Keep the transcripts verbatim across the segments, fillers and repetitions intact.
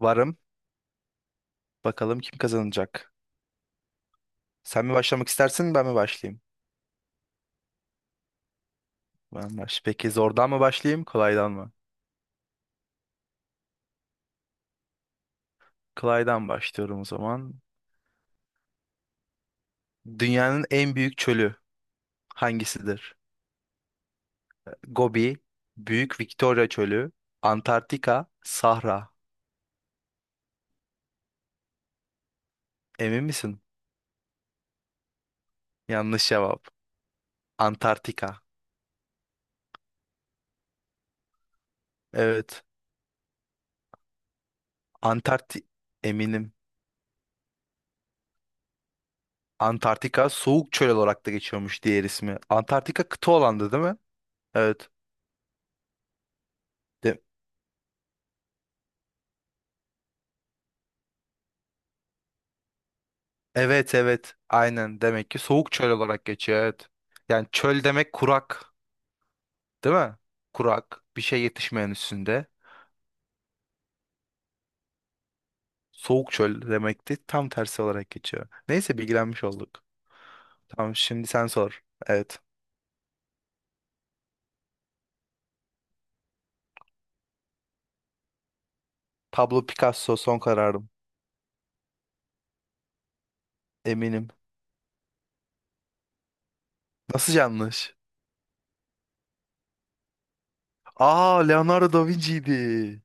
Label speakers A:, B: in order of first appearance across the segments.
A: Varım. Bakalım kim kazanacak. Sen mi başlamak istersin, ben mi başlayayım? Ben baş. Peki zordan mı başlayayım, kolaydan mı? Kolaydan başlıyorum o zaman. Dünyanın en büyük çölü hangisidir? Gobi, Büyük Victoria Çölü, Antarktika, Sahra. Emin misin? Yanlış cevap. Antarktika. Evet. Antarktik, eminim. Antarktika soğuk çöl olarak da geçiyormuş diğer ismi. Antarktika kıta olandı, değil mi? Evet. De- Evet, evet, aynen, demek ki soğuk çöl olarak geçiyor, evet. Yani çöl demek kurak, değil mi? Kurak, bir şey yetişmeyen üstünde. Soğuk çöl demekti, tam tersi olarak geçiyor. Neyse bilgilenmiş olduk. Tamam, şimdi sen sor. Evet. Pablo Picasso son kararım. Eminim. Nasıl yanlış? Aa, Leonardo da Vinci'ydi.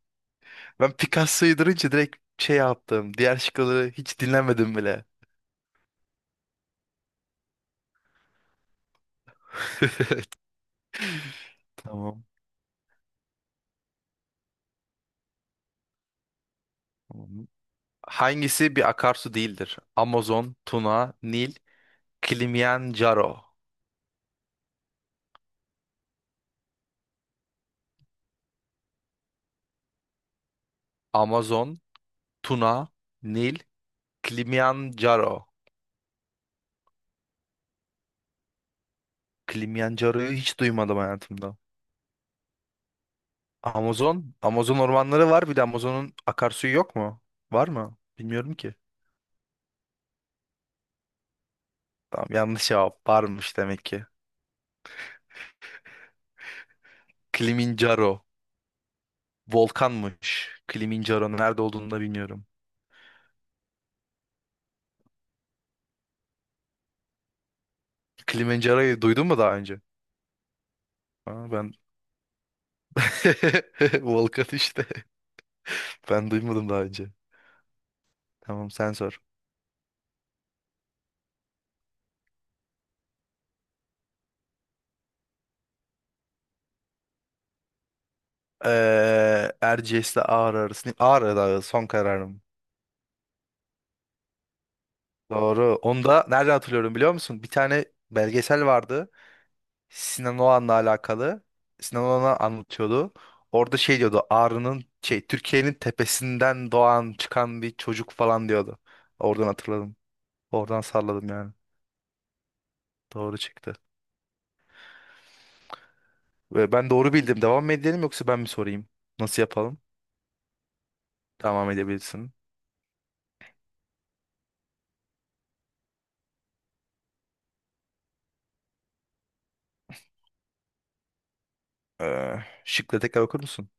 A: Ben Picasso'yu durunca direkt şey yaptım. Diğer şıkları hiç dinlemedim bile. Tamam. Tamam. Hangisi bir akarsu değildir? Amazon, Tuna, Nil, Kilimanjaro. Amazon, Tuna, Nil, Kilimanjaro. Kilimanjaro'yu hiç duymadım hayatımda. Amazon, Amazon ormanları var. Bir de Amazon'un akarsuyu yok mu? Var mı? Bilmiyorum ki. Tamam, yanlış cevap. Varmış demek ki. Kilimanjaro. Volkanmış. Kilimanjaro nerede olduğunu da bilmiyorum. Kilimanjaro'yu duydun mu daha önce? Ha, ben Volkan işte. Ben duymadım daha önce. Tamam, sen sor. Ee, Erciyes'le Ağrı arasında. Ağrı Dağı son kararım. Doğru. Onu da nereden hatırlıyorum biliyor musun? Bir tane belgesel vardı. Sinan Oğan'la alakalı. Sinan Oğan'a anlatıyordu. Orada şey diyordu. Ağrı'nın şey Türkiye'nin tepesinden doğan çıkan bir çocuk falan diyordu. Oradan hatırladım. Oradan salladım yani. Doğru çıktı. Ve ben doğru bildim. Devam mı edelim yoksa ben mi sorayım? Nasıl yapalım? Devam edebilirsin. Ee, şıkları tekrar okur musun?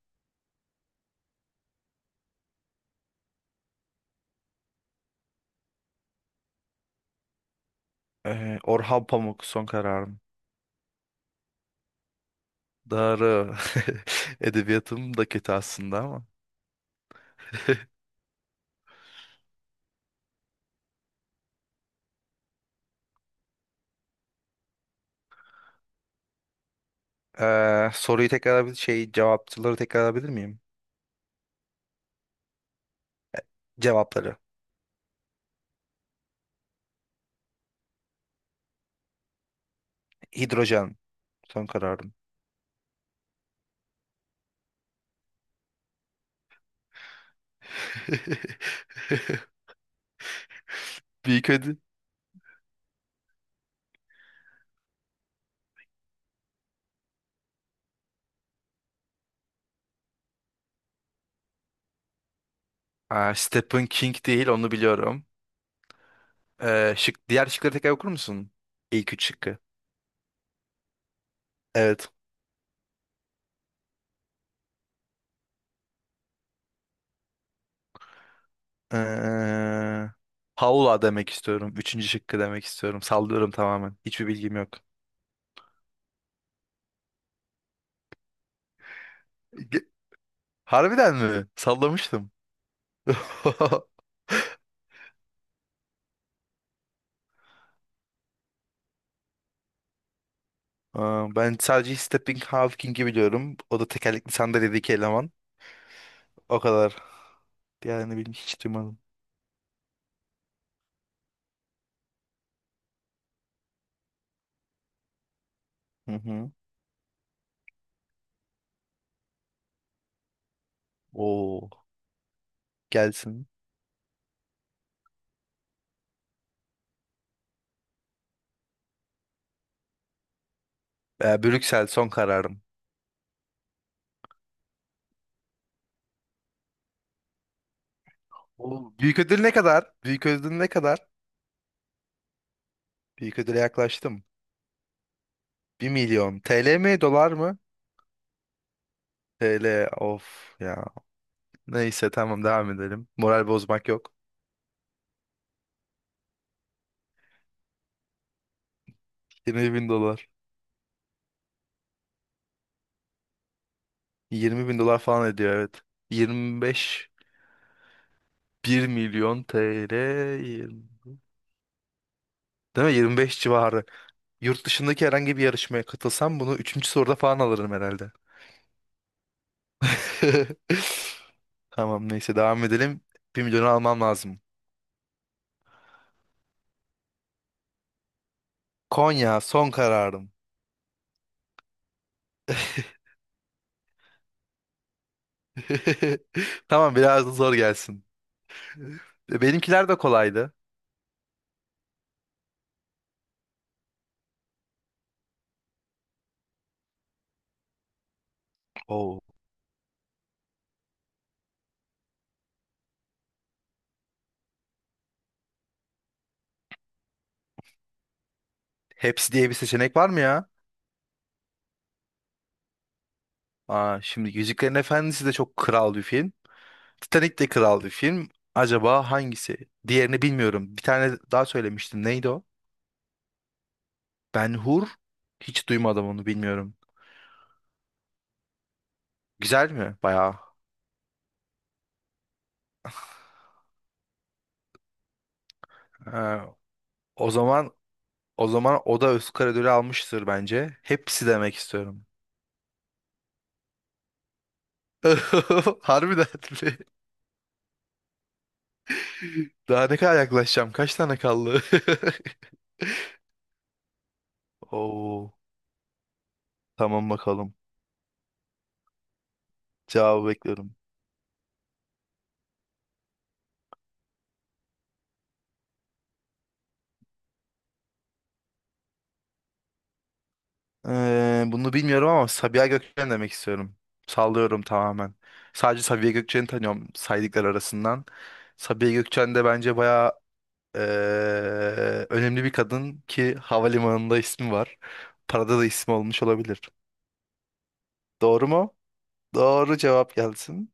A: Ee, Orhan Pamuk son kararım. Doğru. Edebiyatım da kötü aslında ama. Ee, soruyu tekrar, bir şey, cevapçıları tekrar alabilir miyim? Cevapları. Hidrojen son kararım. Büyük ödül. Aa, Stephen King değil, onu biliyorum. Ee, şık, diğer şıkları tekrar okur musun? İlk üç şıkkı. Evet. Ee, Paula demek istiyorum. Üçüncü şıkkı demek istiyorum. Sallıyorum tamamen. Hiçbir bilgim yok. Ge- Harbiden mi? Sallamıştım. Aa, ben sadece Stephen Hawking'i biliyorum. O da tekerlekli sandalyedeki eleman. O kadar. Diğerlerini bilmiş hiç duymadım. Hı hı. Oo, gelsin. Ee, Brüksel son kararım. Oo, büyük ödül ne kadar? Büyük ödül ne kadar? Büyük ödüle yaklaştım. Bir milyon. T L mi, dolar mı? T L, of ya. Neyse tamam, devam edelim. Moral bozmak yok. Yirmi bin dolar. Yirmi bin dolar falan ediyor, evet. Yirmi beş, bir milyon TL, değil mi? yirmi beş civarı. Yurt dışındaki herhangi bir yarışmaya katılsam bunu üçüncü soruda falan alırım herhalde. Tamam, neyse devam edelim. Bir milyonu almam lazım. Konya son kararım. Tamam, biraz da zor gelsin. E, benimkiler de kolaydı. Oo. Hepsi diye bir seçenek var mı ya? Aa, şimdi Yüzüklerin Efendisi de çok kral bir film. Titanic de kral bir film. Acaba hangisi? Diğerini bilmiyorum. Bir tane daha söylemiştim. Neydi o? Ben Hur. Hiç duymadım, onu bilmiyorum. Güzel mi? Bayağı. Ee, o zaman o zaman o da Oscar ödülü almıştır bence. Hepsi demek istiyorum. Harbiden mi? Daha ne kadar yaklaşacağım? Kaç tane kaldı? Oo, tamam bakalım. Cevabı bekliyorum. Ee, bunu bilmiyorum ama Sabiha Gökçen demek istiyorum. Sallıyorum tamamen. Sadece Sabiha Gökçen'i tanıyorum saydıklar arasından. Sabiha Gökçen de bence bayağı eee, önemli bir kadın ki havalimanında ismi var. Parada da ismi olmuş olabilir. Doğru mu? Doğru cevap gelsin.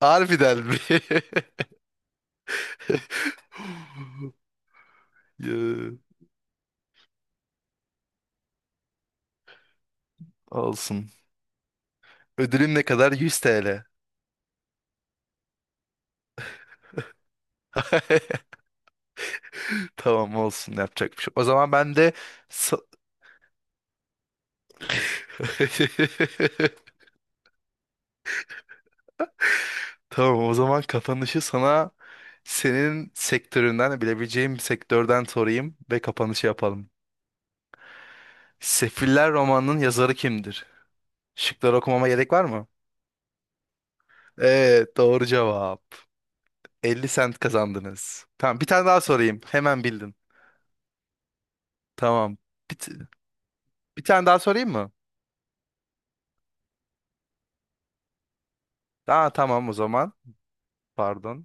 A: Harbiden mi? Ya, olsun. Ödülüm ne kadar? yüz T L. Tamam, olsun, yapacak bir şey yok. O zaman ben de sa- Tamam, o zaman kapanışı sana, senin sektöründen bilebileceğim bir sektörden sorayım ve kapanışı yapalım. Sefiller romanının yazarı kimdir? Şıkları okumama gerek var mı? Evet, doğru cevap. elli sent kazandınız. Tamam, bir tane daha sorayım. Hemen bildin. Tamam. Bir, t- Bir tane daha sorayım mı? Aa, tamam o zaman. Pardon.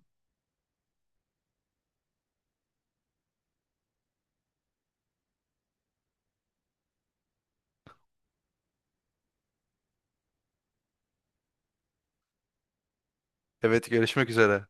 A: Evet, görüşmek üzere.